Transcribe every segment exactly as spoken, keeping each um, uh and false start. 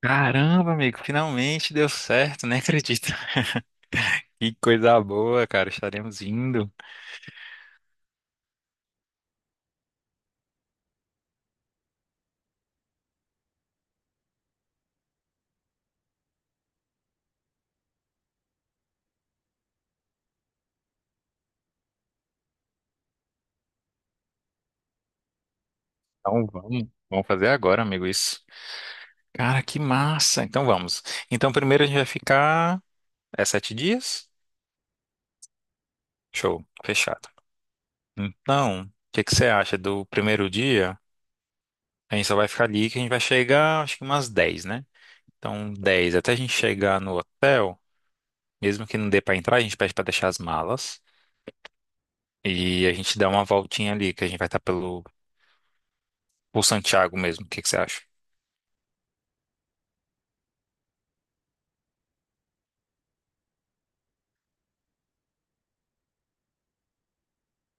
Caramba, amigo, finalmente deu certo, nem acredito. Que coisa boa, cara, estaremos indo. Então vamos, vamos fazer agora, amigo, isso. Cara, que massa. Então vamos. Então primeiro a gente vai ficar é sete dias? Show, fechado. Então, o que que você acha do primeiro dia? A gente só vai ficar ali que a gente vai chegar, acho que umas dez, né? Então dez até a gente chegar no hotel, mesmo que não dê pra entrar, a gente pede pra deixar as malas. E a gente dá uma voltinha ali, que a gente vai estar pelo Ou Santiago mesmo, o que que você acha?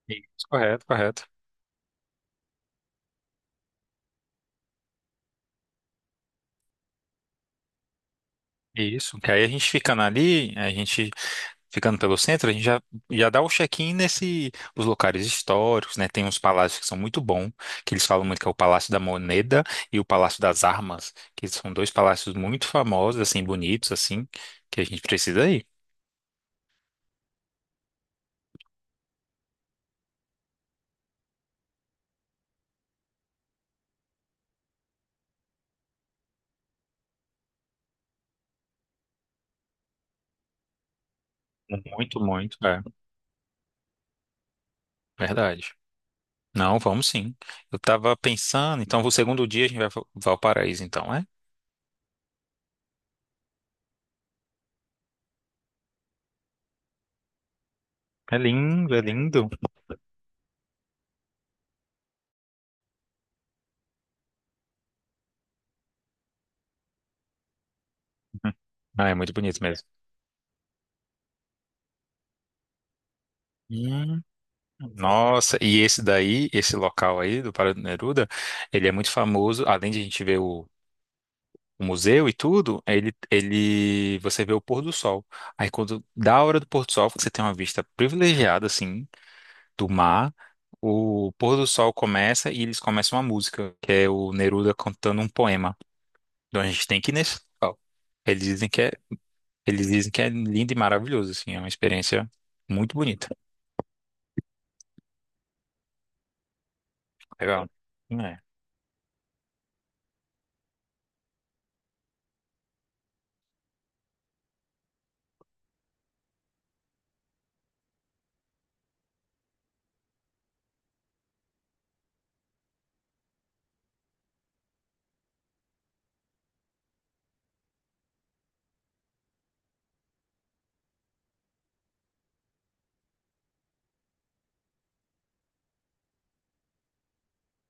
Isso, correto, correto. Isso, que aí a gente ficando ali, a gente ficando pelo centro, a gente já, já dá o check-in nesse, os locais históricos, né? Tem uns palácios que são muito bons, que eles falam muito que é o Palácio da Moneda e o Palácio das Armas, que são dois palácios muito famosos, assim, bonitos, assim, que a gente precisa ir. Muito, muito, é, verdade. Não, vamos sim. Eu tava pensando, então, o segundo dia a gente vai para Valparaíso, então, é? É lindo, é lindo. Hum. Ah, é muito bonito mesmo. Hum, Nossa, e esse daí, esse local aí do Pará do Neruda, ele é muito famoso, além de a gente ver o, o museu e tudo, ele, ele, você vê o pôr do sol. Aí quando dá a hora do pôr do sol, você tem uma vista privilegiada, assim, do mar, o pôr do sol começa e eles começam uma música, que é o Neruda cantando um poema. Então a gente tem que ir nesse local. Eles dizem que é, eles dizem que é lindo e maravilhoso, assim, é uma experiência muito bonita. Legal. É.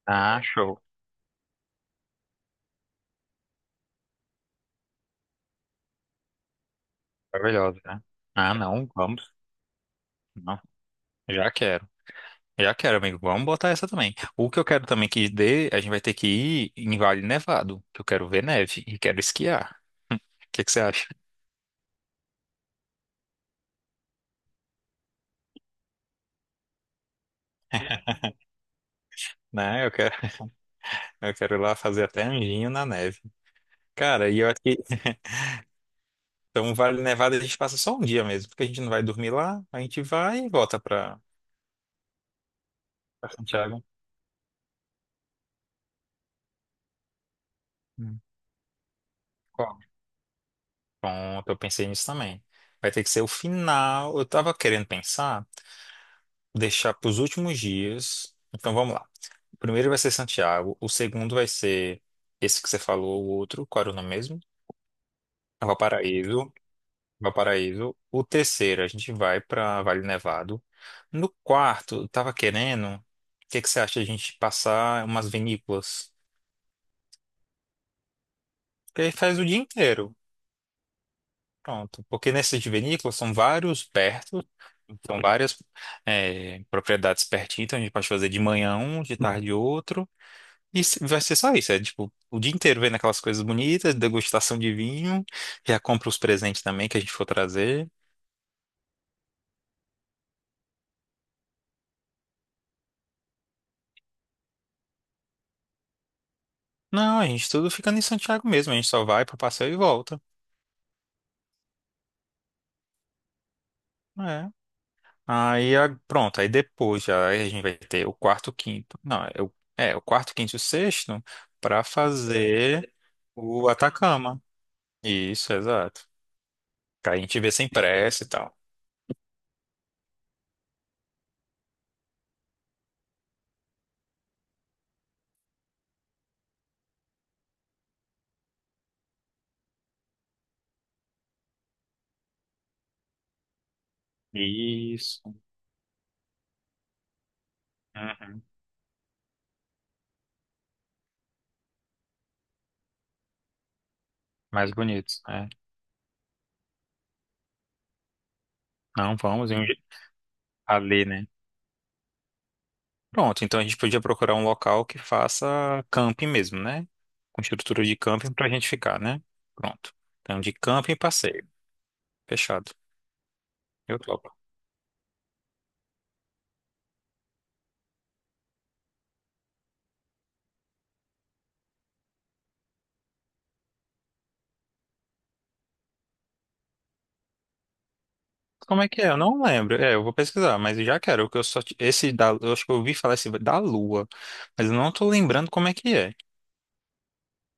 Ah, show. Maravilhosa, né? Ah, não, vamos. Não, já quero. Já quero, amigo. Vamos botar essa também. O que eu quero também que dê, a gente vai ter que ir em Vale Nevado, que eu quero ver neve e quero esquiar. O que que você acha? Né? Eu quero, eu quero ir lá fazer até anjinho na neve. Cara, e eu acho que então Vale Nevado a gente passa só um dia mesmo, porque a gente não vai dormir lá, a gente vai e volta pra, pra Santiago. Hum. Qual? Pronto, eu pensei nisso também. Vai ter que ser o final. Eu tava querendo pensar, deixar para os últimos dias. Então vamos lá. O primeiro vai ser Santiago, o segundo vai ser esse que você falou, o outro, qual era o nome mesmo? Valparaíso. Valparaíso. O terceiro, a gente vai para Vale Nevado. No quarto, eu tava querendo, o que que você acha de a gente passar umas vinícolas? Que aí faz o dia inteiro. Pronto. Porque nessas de vinícolas são vários perto, são várias eh, propriedades pertinho, então a gente pode fazer de manhã um, de tarde outro. E vai ser só isso, é tipo, o dia inteiro vendo aquelas coisas bonitas, degustação de vinho, já compra os presentes também que a gente for trazer. Não, a gente tudo fica em Santiago mesmo, a gente só vai pro passeio e volta. É. Aí, a- pronto, aí depois já a gente vai ter o quarto, quinto. Não, é o, é, o quarto, quinto e o sexto pra fazer o Atacama. Isso, exato. Que aí a gente vê sem pressa e tal. Isso. Uhum. Mais bonitos, né? Não, vamos em um je- ali, né? Pronto, então a gente podia procurar um local que faça camping mesmo, né? Com estrutura de camping pra gente ficar, né? Pronto. Então, de camping e passeio. Fechado. Eu topo. Como é que é? Eu não lembro. É, eu vou pesquisar, mas eu já quero, porque Eu só, t- esse da, eu acho que eu ouvi falar esse da Lua, mas eu não tô lembrando como é que é.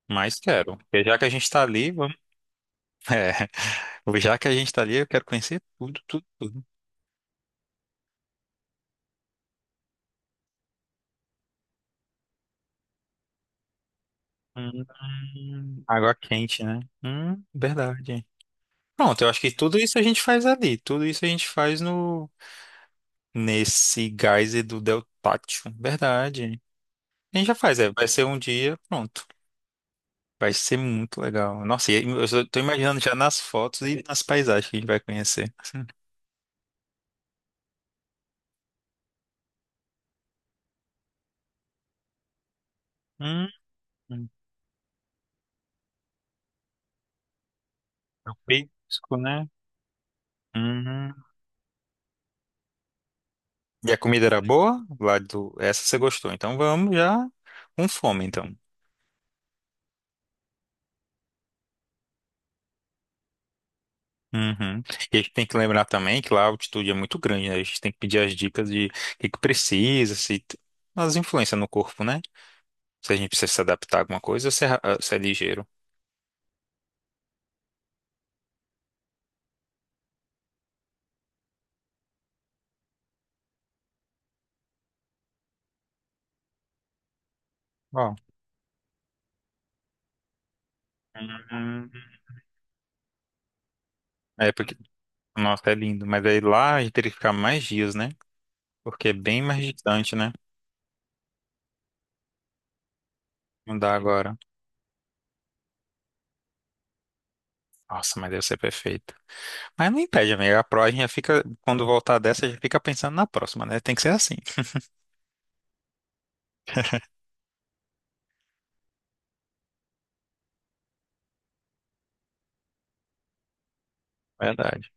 Mas quero. Porque já que a gente tá ali, vamos. É, já que a gente tá ali, eu quero conhecer tudo, tudo, tudo. Hum, água quente, né? Hum, verdade. Pronto, eu acho que tudo isso a gente faz ali. Tudo isso a gente faz no nesse geyser do Deltátil. Verdade. A gente já faz, é. Vai ser um dia, pronto. Vai ser muito legal. Nossa, e eu só tô imaginando já nas fotos e nas paisagens que a gente vai conhecer. Hum, É o pisco, né? Uhum. E a comida era boa? Lá do... Essa você gostou. Então vamos já com fome, então. Uhum. E a gente tem que lembrar também que lá a altitude é muito grande, né? A gente tem que pedir as dicas de o que que precisa, se t- as influências no corpo, né? Se a gente precisa se adaptar a alguma coisa ou se é, ra- ah, se é ligeiro. Ó. Uhum. É porque, nossa, é lindo. Mas aí lá a gente teria que ficar mais dias, né? Porque é bem mais distante, né? Não dá agora. Nossa, mas deve ser perfeito. Mas não impede, amiga. A pró a gente já fica, quando voltar dessa, já fica pensando na próxima, né? Tem que ser assim. Verdade.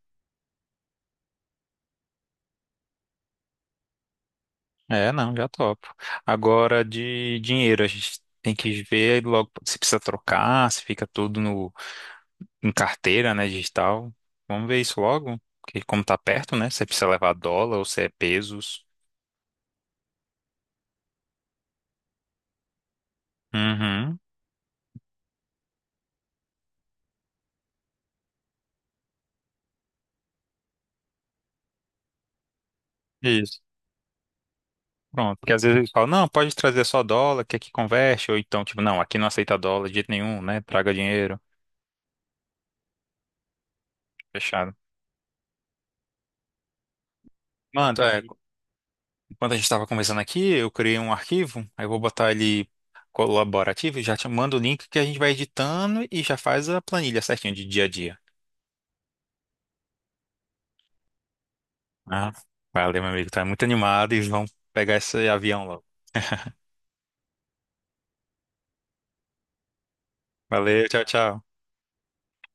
É, não, já topo. Agora de dinheiro, a gente tem que ver logo se precisa trocar, se fica tudo no, em carteira, né, digital. Vamos ver isso logo, porque como tá perto, né, se precisa levar dólar ou se é pesos. Uhum, isso. Pronto, porque às vezes eles falam, não, pode trazer só dólar, que aqui converte, ou então, tipo, não, aqui não aceita dólar de jeito nenhum, né, traga dinheiro. Fechado. Manda, é, quando a gente estava conversando aqui, eu criei um arquivo, aí eu vou botar ele colaborativo e já te mando o link que a gente vai editando e já faz a planilha certinho de dia a dia. Ah, valeu, meu amigo. Tá muito animado e vão pegar esse avião logo. Valeu, tchau, tchau.